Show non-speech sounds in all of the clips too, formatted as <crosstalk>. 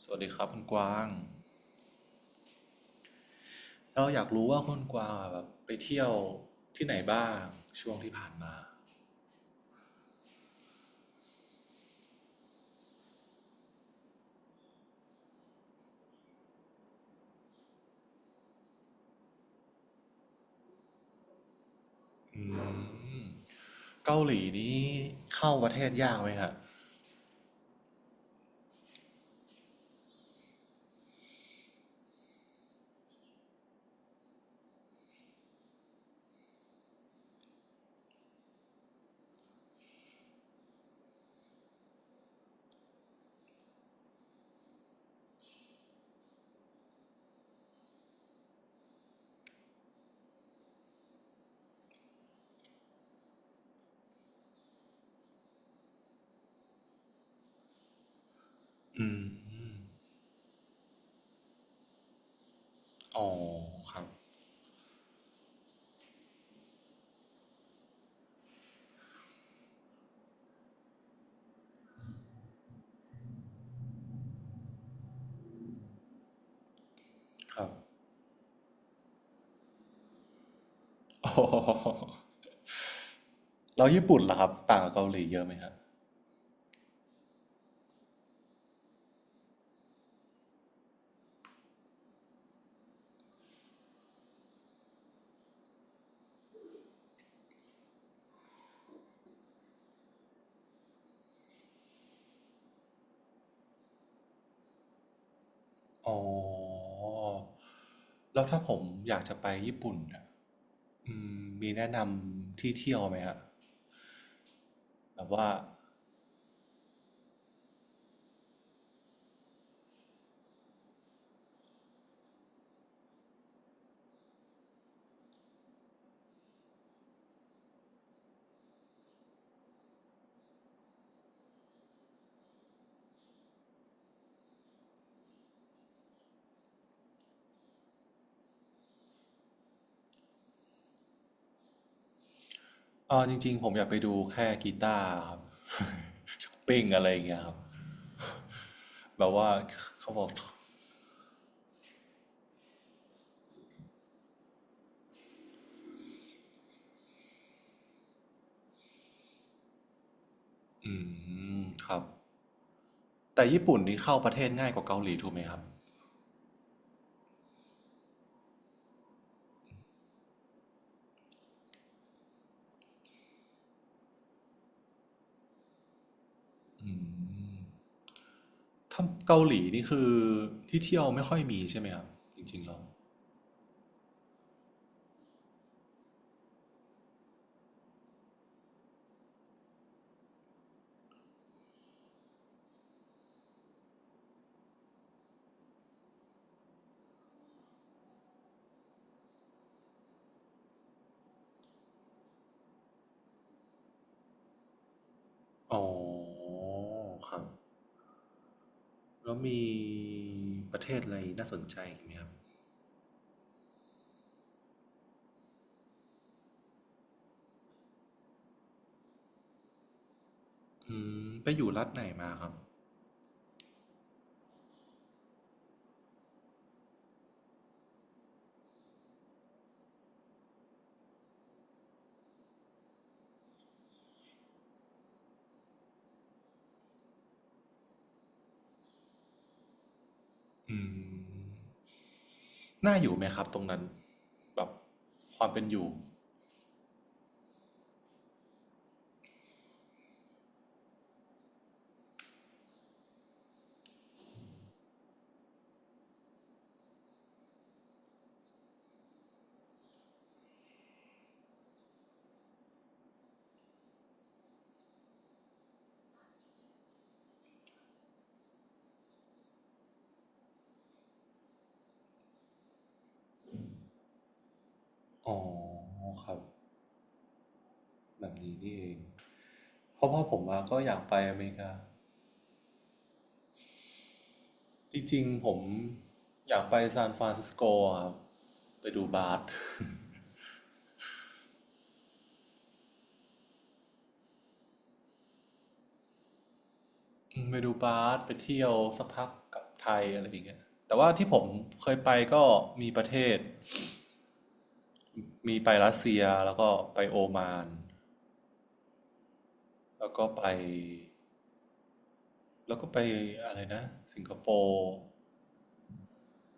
สวัสดีครับคุณกวางเราอยากรู้ว่าคุณกวางอะแบบไปเที่ยวที่ไหนบ้างช่วงที่ผ่านมาอืมเกาหลีนี้เข้าประเทศยากไหมครับอืมอ๋อครับครับอ๋อแล้วญี่ปุ่นล่ะครับต่างกับเกาหลีเยอะไหมครับอ๋อแล้วถ้าผมอยากจะไปญี่ปุ่นอะมีแนะนำที่เที่ยวไหมครับแบบว่าอ๋อจริงๆผมอยากไปดูแค่กีตาร์ครับ <laughs> ช้อปปิ้งอะไรอย่างเงี้ยครับ แบบว่าเขาบอกอืมครับแต่ญี่ปุ่นนี่เข้าประเทศง่ายกว่าเกาหลีถูกไหมครับอืมถ้าเกาหลีนี่คือที่เที่ยวไม่ค่อยมีใช่ไหมครับจริงๆแล้วอ๋อครับแล้วมีประเทศอะไรน่าสนใจอีกไหมครับอืมไปอยู่รัฐไหนมาครับอืมน่าอยู่ไหมครับตรงนั้นแบบความเป็นอยู่อ๋อครับแบบนี้นี่เองเพราะพ่อผมมาก็อยากไปอเมริกา จริงๆผมอยากไปซานฟรานซิสโกครับไปดูบาสอืมไปดูบาสไปเที่ยวสักพักกลับไทยอะไรอย่างเงี้ยแต่ว่าที่ผมเคยไปก็มีประเทศมีไปรัสเซียแล้วก็ไปโอมานแล้วก็ไปแล้วก็ไปอะไรนะสิงคโปร์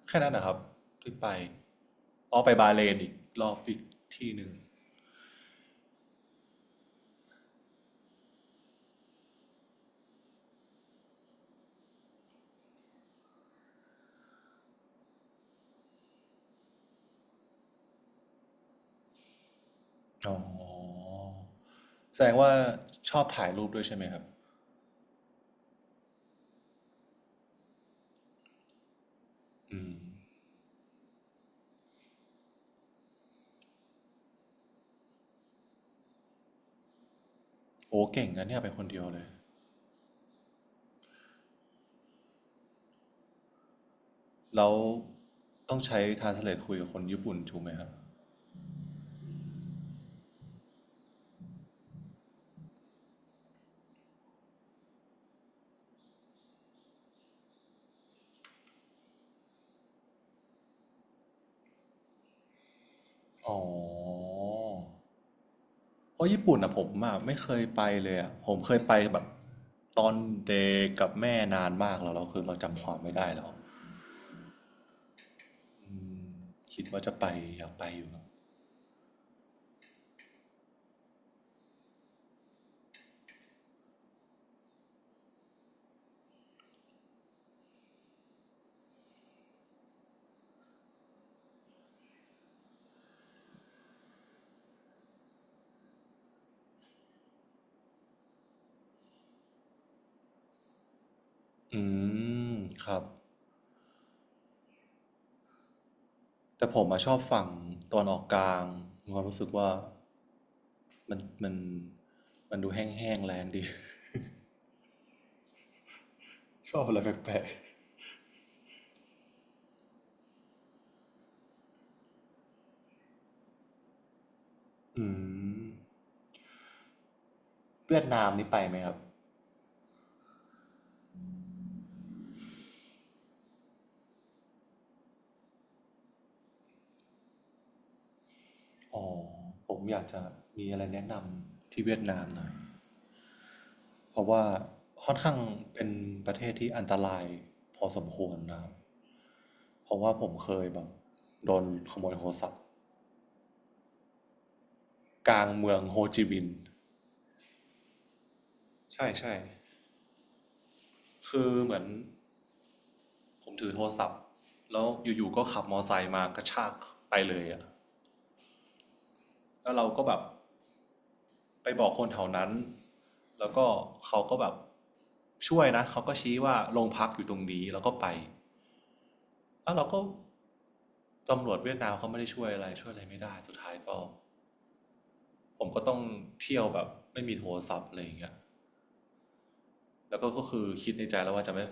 แค่นั้นนะครับที่ไปอ๋อไปบาห์เลนอีกรอบอีกที่หนึ่งอ๋อแสดงว่าชอบถ่ายรูปด้วยใช่ไหมครับโอ้เก่งนะเนี่ยไปคนเดียวเลย แล้วต้องใช้ Translate คุยกับคนญี่ปุ่นถูกไหมครับ อ๋อ เพราะญี่ปุ่นอะผมอะไม่เคยไปเลยอะผมเคยไปแบบตอนเด็กกับแม่นานมากแล้วเราคือเราจำความไม่ได้แล้วอืมคิดว่าจะไปอยากไปอยู่นะอืมครับแต่ผมอะชอบฝั่งตอนออกกลางมีความรู้สึกว่ามันมันดูแห้งๆแรงดี <laughs> ชอบอะไรแปลกๆ อืมเวียดนามนี่ไปไหมครับ อ๋อผมอยากจะมีอะไรแนะนำที่เวียดนามหน่อยเพราะว่าค่อนข้างเป็นประเทศที่อันตรายพอสมควรนะครับเพราะว่าผมเคยแบบโดนขโมยโทรศัพท์กลางเมืองโฮจิมินห์ใช่ใช่คือเหมือนผมถือโทรศัพท์แล้วอยู่ๆก็ขับมอไซค์มากระชากไปเลยอะแล้วเราก็แบบไปบอกคนแถวนั้นแล้วก็เขาก็แบบช่วยนะเขาก็ชี้ว่าโรงพักอยู่ตรงนี้แล้วก็ไปแล้วเราก็ ตำรวจเวียดนามเขาไม่ได้ช่วยอะไรช่วยอะไรไม่ได้สุดท้ายก็ผมก็ต้องเที่ยวแบบไม่มีโทรศัพท์อะไรอย่างเงี้ยแล้วก็ก็คือคิดในใจแล้วว่าจะไม่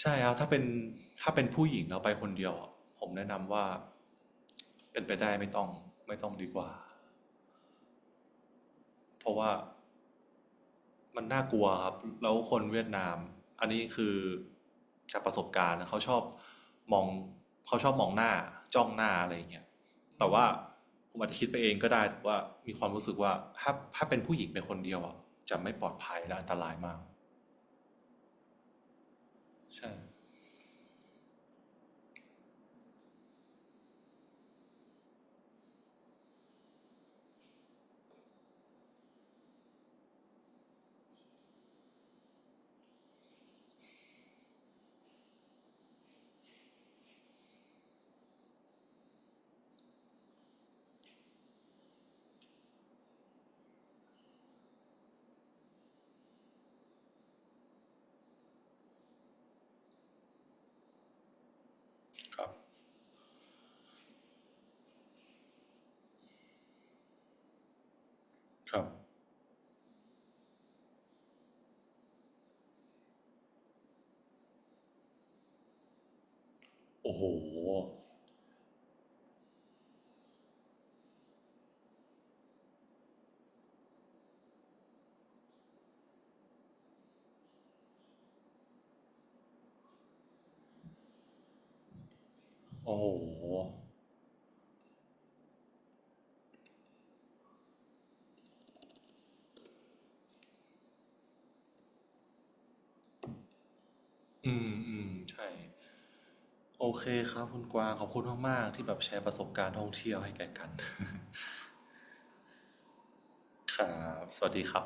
ใช่ครับถ้าเป็นถ้าเป็นผู้หญิงเราไปคนเดียวผมแนะนำว่าเป็นไปได้ไม่ต้องไม่ต้องดีกว่า เพราะว่ามันน่ากลัวครับแล้วคนเวียดนามอันนี้คือจากประสบการณ์นะเขาชอบมองเขาชอบมองหน้าจ้องหน้าอะไรอย่างเงี้ยแต่ว่าผมอาจจะคิดไปเองก็ได้แต่ว่ามีความรู้สึกว่าถ้าเป็นผู้หญิงเป็นคนเดียวอ่ะจะไม่ปลอดภัยและอันตรายมากใช่ครับครับโอ้โหโอ้โหอืมอืมใช่โอเคครับคุณกวางขอบคุณมากๆที่แบบแชร์ประสบการณ์ท่องเที่ยวให้แก่กัน <laughs> ครับสวัสดีครับ